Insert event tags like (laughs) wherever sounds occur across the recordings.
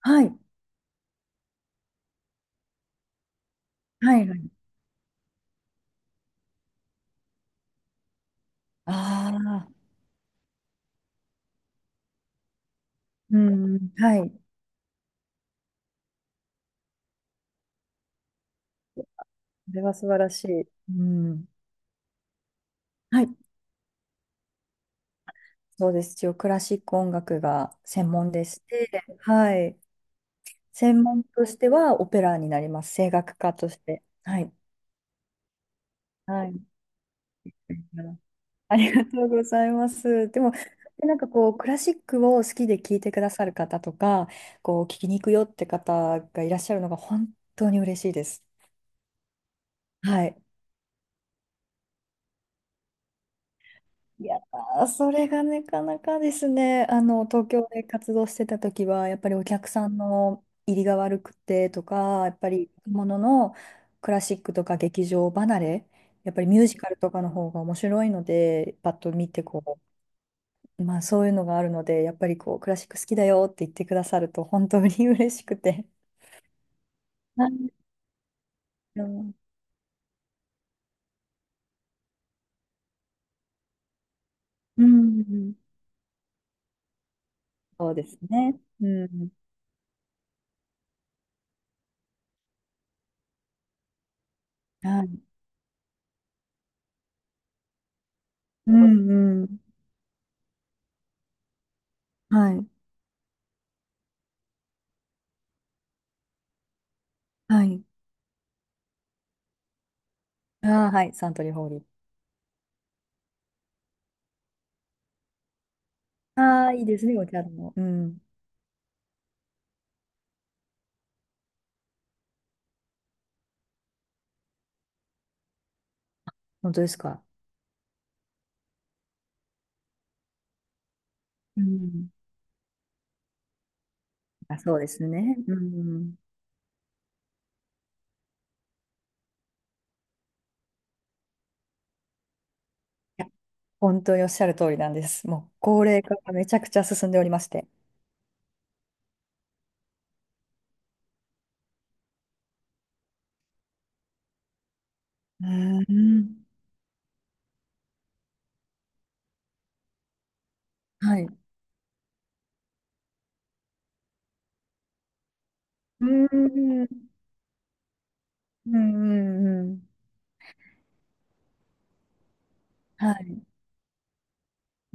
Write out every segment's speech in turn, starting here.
はい。はいはい。ああ、うん。はい。それは素晴らしい。うん。はい。そうです。一応クラシック音楽が専門でして、はい。専門としてはオペラになります。声楽家として。はい。はい。ありがとうございます。でも、なんかこう、クラシックを好きで聴いてくださる方とか、こう、聴きに行くよって方がいらっしゃるのが本当に嬉しいです。はい。いやー、それがなかなかですね、あの、東京で活動してた時は、やっぱりお客さんの入りが悪くてとか、やっぱりもののクラシックとか劇場離れ、やっぱりミュージカルとかの方が面白いので、パッと見てこう、まあそういうのがあるので、やっぱりこう、クラシック好きだよって言ってくださると、本当に嬉しくて。はい。うんうん。そうですね。うん。はい。うんうん。はいはい。ああ、はい、サントリーホール。ああ、いいですね、お茶も。うん。本当ですか。うん。あ、そうですね。うん。いや、本当におっしゃる通りなんです。もう高齢化がめちゃくちゃ進んでおりまして。うーん。はい。うーん。うんうんうん。はい。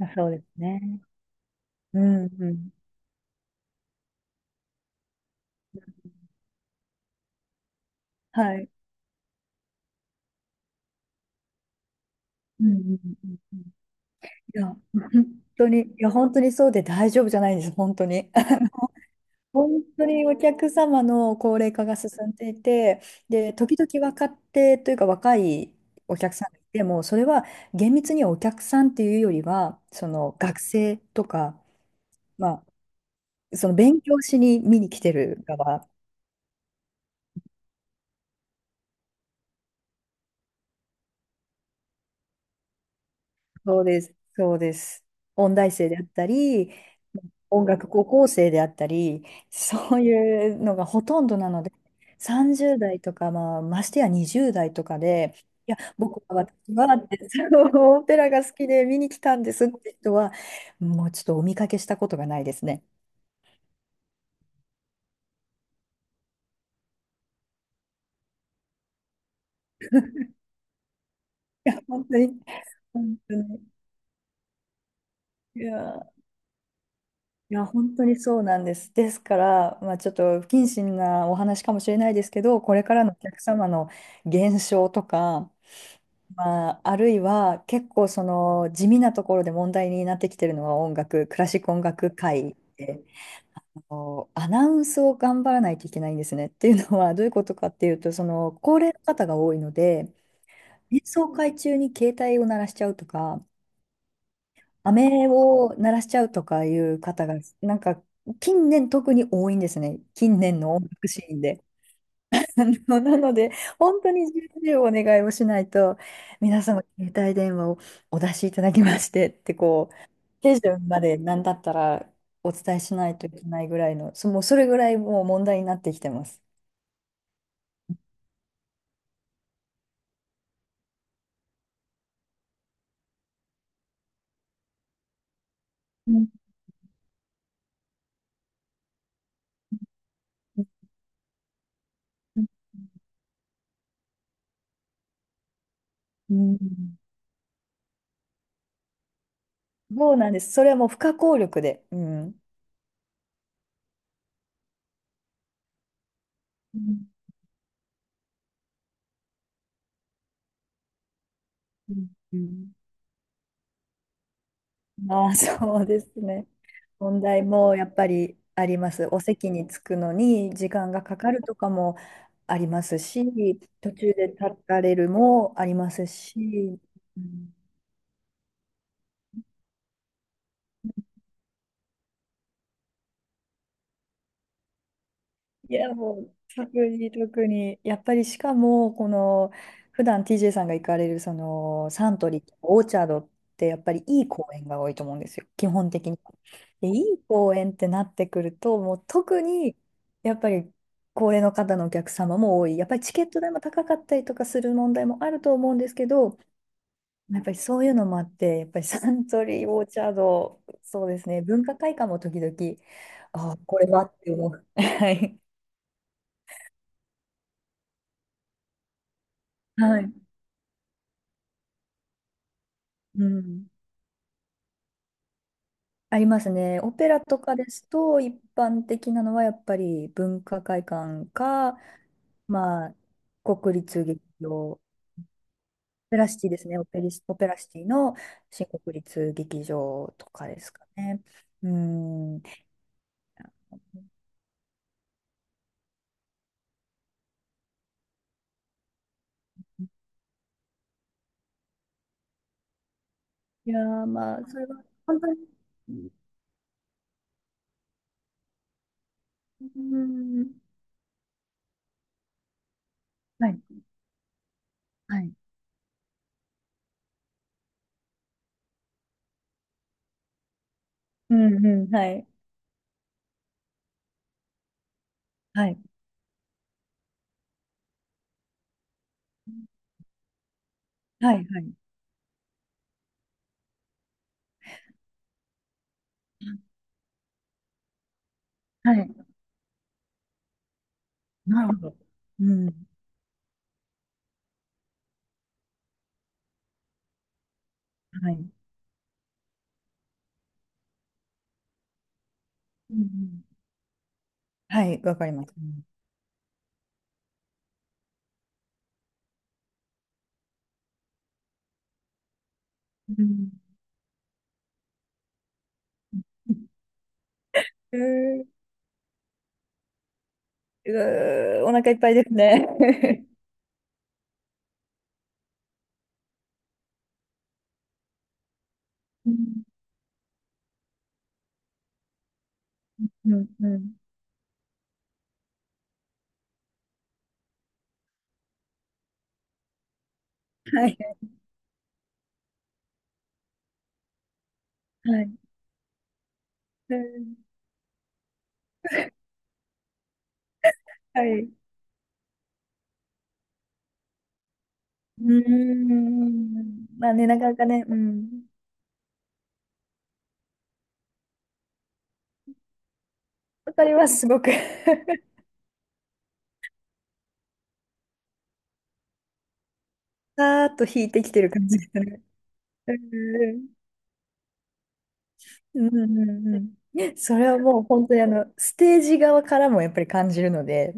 あ、そうですね。うんうん。はい。うんうんうんうん。いや、本当に、いや、本当にそうで大丈夫じゃないんです。本当に。本当にお客様の高齢化が進んでいて、で、時々若手というか若いお客さんがいても、それは厳密にはお客さんっていうよりは、その学生とか、まあ、その勉強しに見に来てる側。そうです、そうです。音大生であったり、音楽高校生であったり、そういうのがほとんどなので、30代とか、まあ、ましてや20代とかで、いや、僕は私はって、そのオペラが好きで見に来たんですって人は、もうちょっとお見かけしたことがないですね。いや、本当に、本当に。いやー、いや、本当にそうなんです。ですから、まあ、ちょっと不謹慎なお話かもしれないですけど、これからのお客様の減少とか、まあ、あるいは結構その地味なところで問題になってきてるのは音楽、クラシック音楽界で、あのアナウンスを頑張らないといけないんですね。っていうのはどういうことかっていうと、その高齢の方が多いので、演奏会中に携帯を鳴らしちゃうとか、飴を鳴らしちゃうとかいう方が、なんか近年特に多いんですね。近年の音楽シーンで。(laughs) あのなので、本当に重々お願いをしないと、皆様、携帯電話をお出しいただきましてって、こう、手順まで何だったらお伝えしないといけないぐらいの、もうそれぐらいもう問題になってきてます。うんうん。そうなんです。それはもう不可抗力で。うん。うんうん。まあそうですね。問題もやっぱりあります。お席に着くのに時間がかかるとかもありますし、途中で立たれるもありますし、いや、もう、特に特に、やっぱりしかも、この、普段 TJ さんが行かれる、その、サントリーとかオーチャードって、やっぱりいい公園が多いと思うんですよ、基本的に。で、いい公園ってなってくると、もう特に、やっぱり、高齢の方のお客様も多い。やっぱりチケット代も高かったりとかする問題もあると思うんですけど、やっぱりそういうのもあって、やっぱりサントリー、オーチャード、そうですね、文化会館も時々、ああ、これはって思う。(laughs) はい。はい。うん、ありますね。オペラとかですと、一般的なのはやっぱり文化会館か、まあ、国立劇場、オペラシティですね、オペラシティの新国立劇場とかですかね。うん。いやー、まあ、それは本当に、うん、はい、はい、うん、うん、はい、はい、はい、はい、はい、なるほど。うん、はい、うん、うん、はい、わかります。うんうーんうー、お腹いっぱいですね。(laughs) うん、うん、うん。はい、はい。うん。はい。うーん。まあね、なかなかね、うん。わかります、すごく。(laughs) さーっと引いてきてる感じがね。うん、うん、うん。うんうん。それはもう本当にあの、ステージ側からもやっぱり感じるので、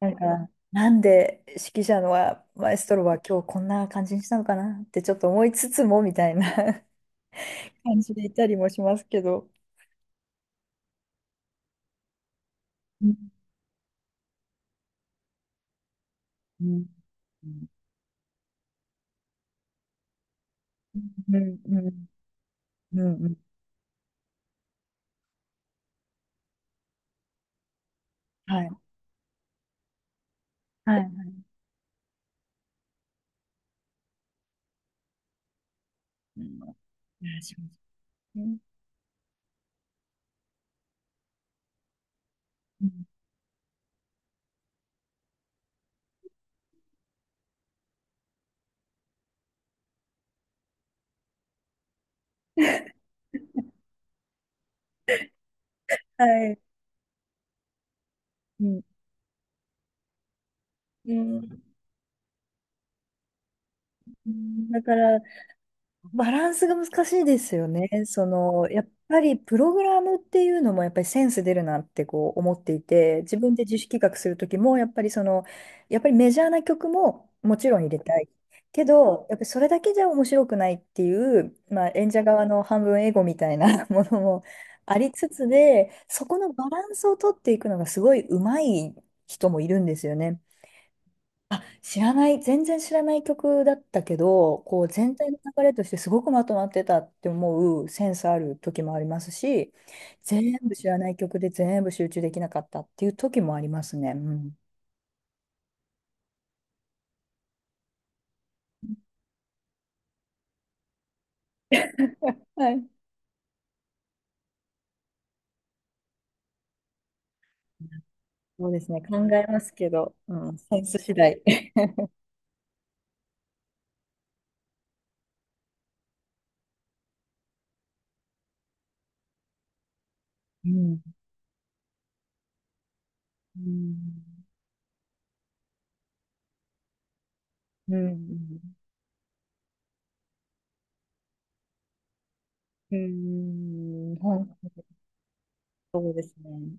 なんか、なんで指揮者のは、マエストロは今日こんな感じにしたのかなってちょっと思いつつも、みたいな。感じでいたりもしますけど。うん、うん、うん、うん、うん、うん、はい。はい。うん、お願いしますね。うん、はい。うん。うん。うんだから、バランスが難しいですよね。その、やっぱりプログラムっていうのもやっぱりセンス出るなってこう思っていて、自分で自主企画する時も、やっぱりその、やっぱりメジャーな曲ももちろん入れたい。けど、やっぱりそれだけじゃ面白くないっていう、まあ、演者側の半分エゴみたいな (laughs) ものもありつつで、そこのバランスを取っていくのがすごい上手い人もいるんですよね。あ、知らない、全然知らない曲だったけど、こう全体の流れとしてすごくまとまってたって思うセンスある時もありますし、全部知らない曲で全部集中できなかったっていう時もありますね。うん。はい。そうですね、考えますけど、うん、センス次第。(laughs) うん。うん。うん。うん。うん、本当そうですね。